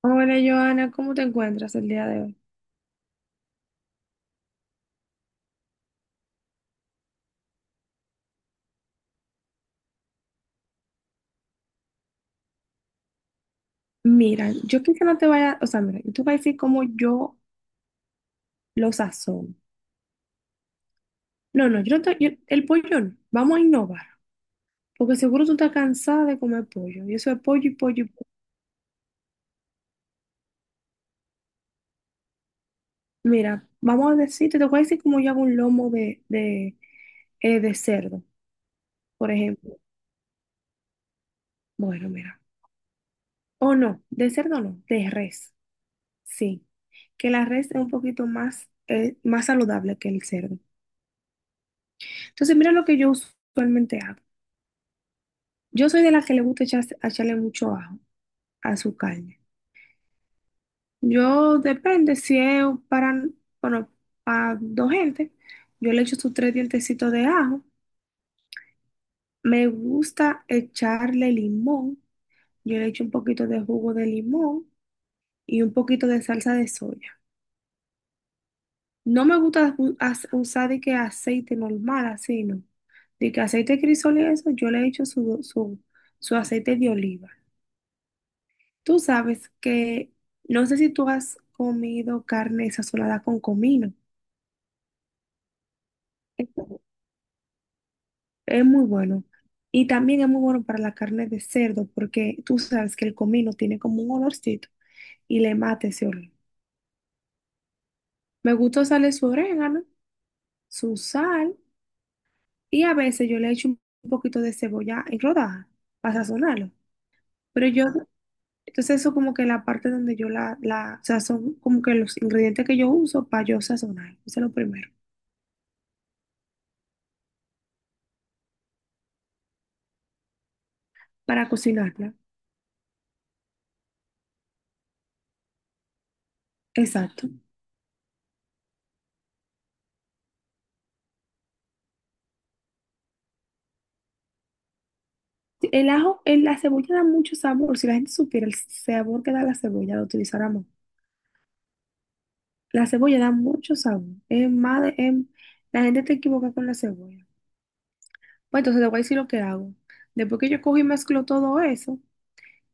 Hola, Joana, ¿cómo te encuentras el día de hoy? Mira, yo quizá no te vaya, o sea, mira, yo te voy a decir cómo yo lo sazono. No, no, yo no te, el pollo no, vamos a innovar, porque seguro tú estás cansada de comer pollo, y eso es pollo y pollo y pollo. Mira, vamos a decirte, te voy a decir cómo yo hago un lomo de cerdo, por ejemplo. Bueno, mira, o no, de cerdo no, de res, sí, que la res es un poquito más, más saludable que el cerdo. Entonces, mira lo que yo usualmente hago. Yo soy de las que le gusta echarle mucho ajo a su carne. Yo depende si es para, bueno, para dos gente, yo le echo sus tres dientecitos de ajo. Me gusta echarle limón. Yo le echo un poquito de jugo de limón y un poquito de salsa de soya. No me gusta usar de que aceite normal, así no. De que aceite de crisol y eso, yo le echo su aceite de oliva. Tú sabes que no sé si tú has comido carne sazonada con comino. Es es muy bueno. Y también es muy bueno para la carne de cerdo porque tú sabes que el comino tiene como un olorcito y le mata ese olor. Me gusta usarle su orégano, su sal y a veces yo le echo un poquito de cebolla en rodaja para sazonarlo. Pero yo, entonces eso como que la parte donde yo la sazón, como que los ingredientes que yo uso para yo sazonar. Eso es lo primero, para cocinarla. Exacto. Sí, el ajo, la cebolla da mucho sabor. Si la gente supiera el sabor que da la cebolla, lo utilizáramos. La cebolla da mucho sabor. Es más, la gente te equivoca con la cebolla. Pues entonces te voy a decir lo que hago. Después que yo cojo y mezclo todo eso,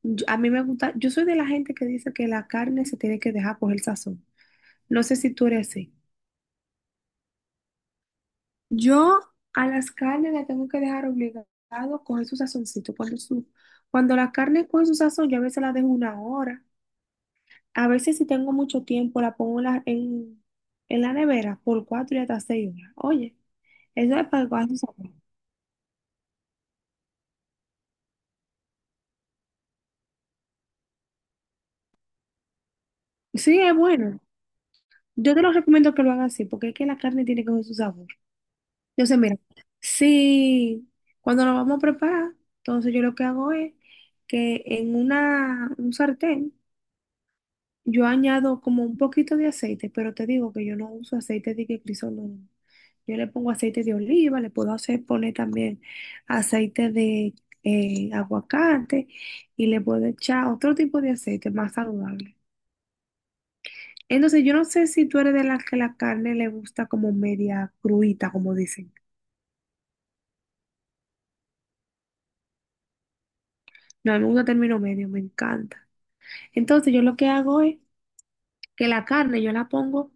a mí me gusta, yo soy de la gente que dice que la carne se tiene que dejar coger sazón. No sé si tú eres así. Yo a las carnes las tengo que dejar obligado coger su sazoncito. Cuando la carne coge su sazón, yo a veces la dejo una hora. A veces si tengo mucho tiempo, la pongo en en la nevera por cuatro y hasta 6 horas. Oye, eso es para que coja su sabor. Sí, es bueno. Yo te lo recomiendo que lo hagan así, porque es que la carne tiene que coger su sabor. Entonces, mira, si cuando lo vamos a preparar, entonces yo lo que hago es que en un sartén yo añado como un poquito de aceite, pero te digo que yo no uso aceite de que crisol, no. No. Yo le pongo aceite de oliva, le puedo hacer poner también aceite de aguacate y le puedo echar otro tipo de aceite más saludable. Entonces, yo no sé si tú eres de las que la carne le gusta como media cruita, como dicen. No, a mí me gusta término medio, me encanta. Entonces, yo lo que hago es que la carne yo la pongo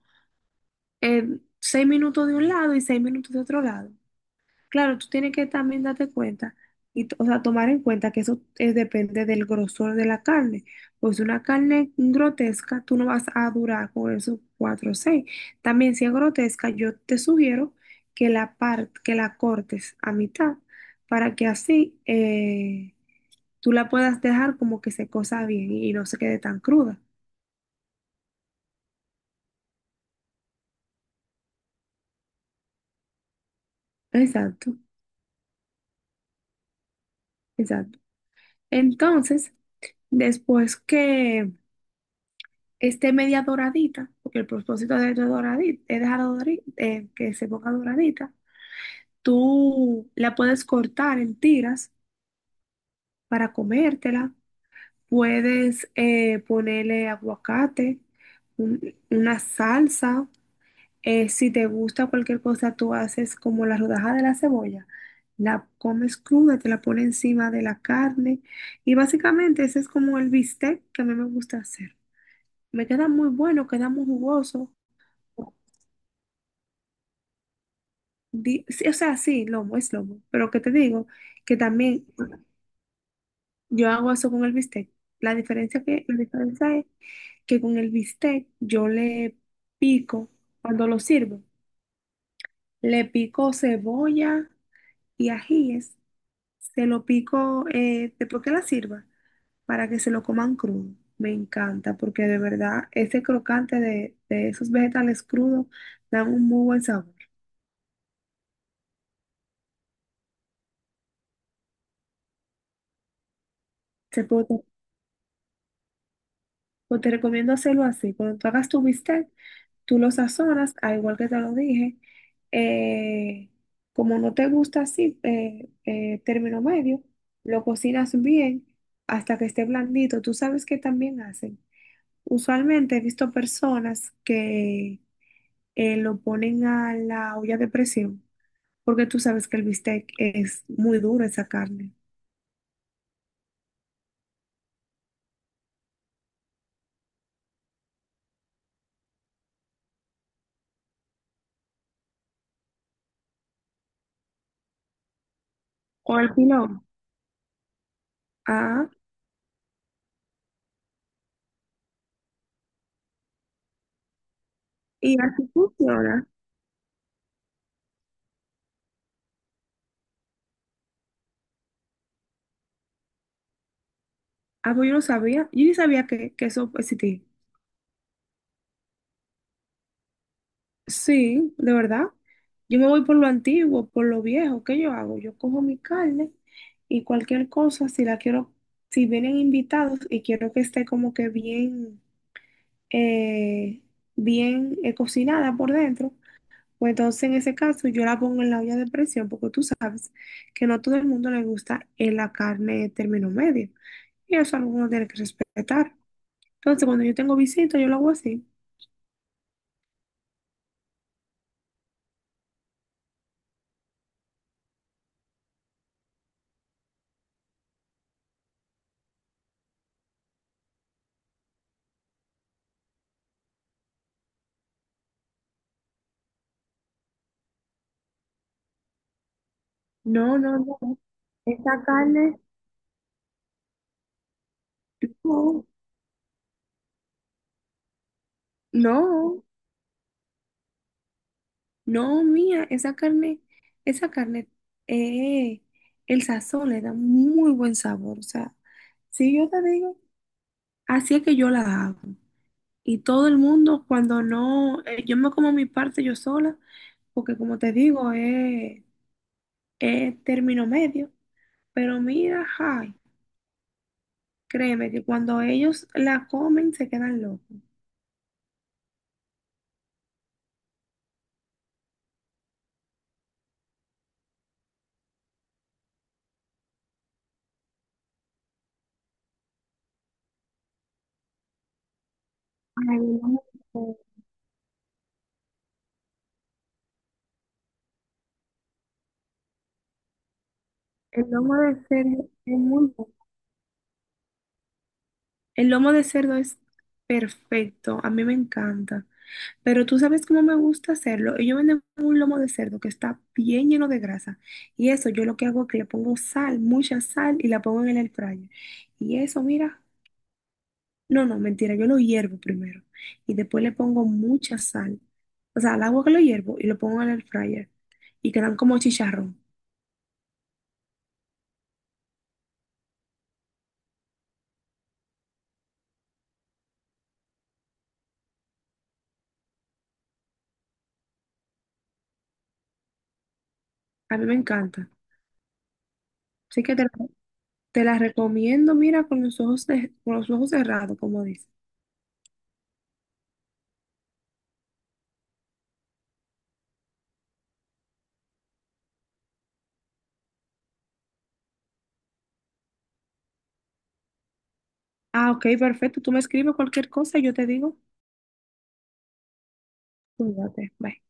6 minutos de un lado y 6 minutos de otro lado. Claro, tú tienes que también darte cuenta, o sea, tomar en cuenta que eso depende del grosor de la carne. Pues una carne grotesca, tú no vas a durar con esos cuatro o seis. También si es grotesca, yo te sugiero que que la cortes a mitad para que así tú la puedas dejar como que se cosa bien y no se quede tan cruda. Exacto, exacto. Entonces, después que esté media doradita, porque el propósito de ella es doradita, es dejar que se ponga doradita. Tú la puedes cortar en tiras para comértela. Puedes ponerle aguacate, una salsa. Si te gusta cualquier cosa, tú haces como la rodaja de la cebolla. La comes cruda, te la pones encima de la carne. Y básicamente ese es como el bistec que a mí me gusta hacer. Me queda muy bueno, queda muy jugoso. Sí, o sea, sí, lomo, es lomo. Pero que te digo que también yo hago eso con el bistec. La diferencia es que con el bistec yo le pico, cuando lo sirvo, le pico cebolla y ajíes. Se lo pico después que la sirva para que se lo coman crudo. Me encanta porque de verdad ese crocante de esos vegetales crudos dan un muy buen sabor. Se puede- pues te recomiendo hacerlo así. Cuando tú hagas tu bistec, tú lo sazonas, al igual que te lo dije. eh, Como no te gusta así, término medio, lo cocinas bien hasta que esté blandito. Tú sabes que también hacen. Usualmente he visto personas que lo ponen a la olla de presión, porque tú sabes que el bistec es muy duro esa carne. O el pilón. Ah, y así funciona. Ah, pues yo no sabía. Yo ni sabía que eso existía. Sí, de verdad. Yo me voy por lo antiguo, por lo viejo. ¿Qué yo hago? Yo cojo mi carne y cualquier cosa, si la quiero, si vienen invitados y quiero que esté como que bien, eh, bien cocinada por dentro, pues entonces en ese caso yo la pongo en la olla de presión, porque tú sabes que no todo el mundo le gusta la carne término medio. Y eso alguno tiene que respetar. Entonces, cuando yo tengo visita, yo lo hago así. No, no, no. Esta carne, no. No, no, mía, esa carne, eh, el sazón le da muy buen sabor. O sea, si yo te digo, así es que yo la hago. Y todo el mundo, cuando no, yo me como mi parte yo sola, porque como te digo, es término medio. Pero mira, ay, créeme que cuando ellos la comen se quedan locos. Ay, el lomo de cerdo, el lomo de cerdo es muy El lomo de cerdo es perfecto, a mí me encanta. Pero tú sabes cómo me gusta hacerlo. Ellos venden un lomo de cerdo que está bien lleno de grasa. Y eso yo lo que hago es que le pongo sal, mucha sal, y la pongo en el air fryer. Y eso, mira, no, no, mentira, yo lo hiervo primero. Y después le pongo mucha sal. O sea, al agua que lo hiervo y lo pongo en el air fryer. Y quedan como chicharrón. A mí me encanta. Así que te, la Te la recomiendo, mira, con los ojos, con los ojos cerrados, como dice. Ah, ok, perfecto. Tú me escribes cualquier cosa y yo te digo. Cuídate. Bye.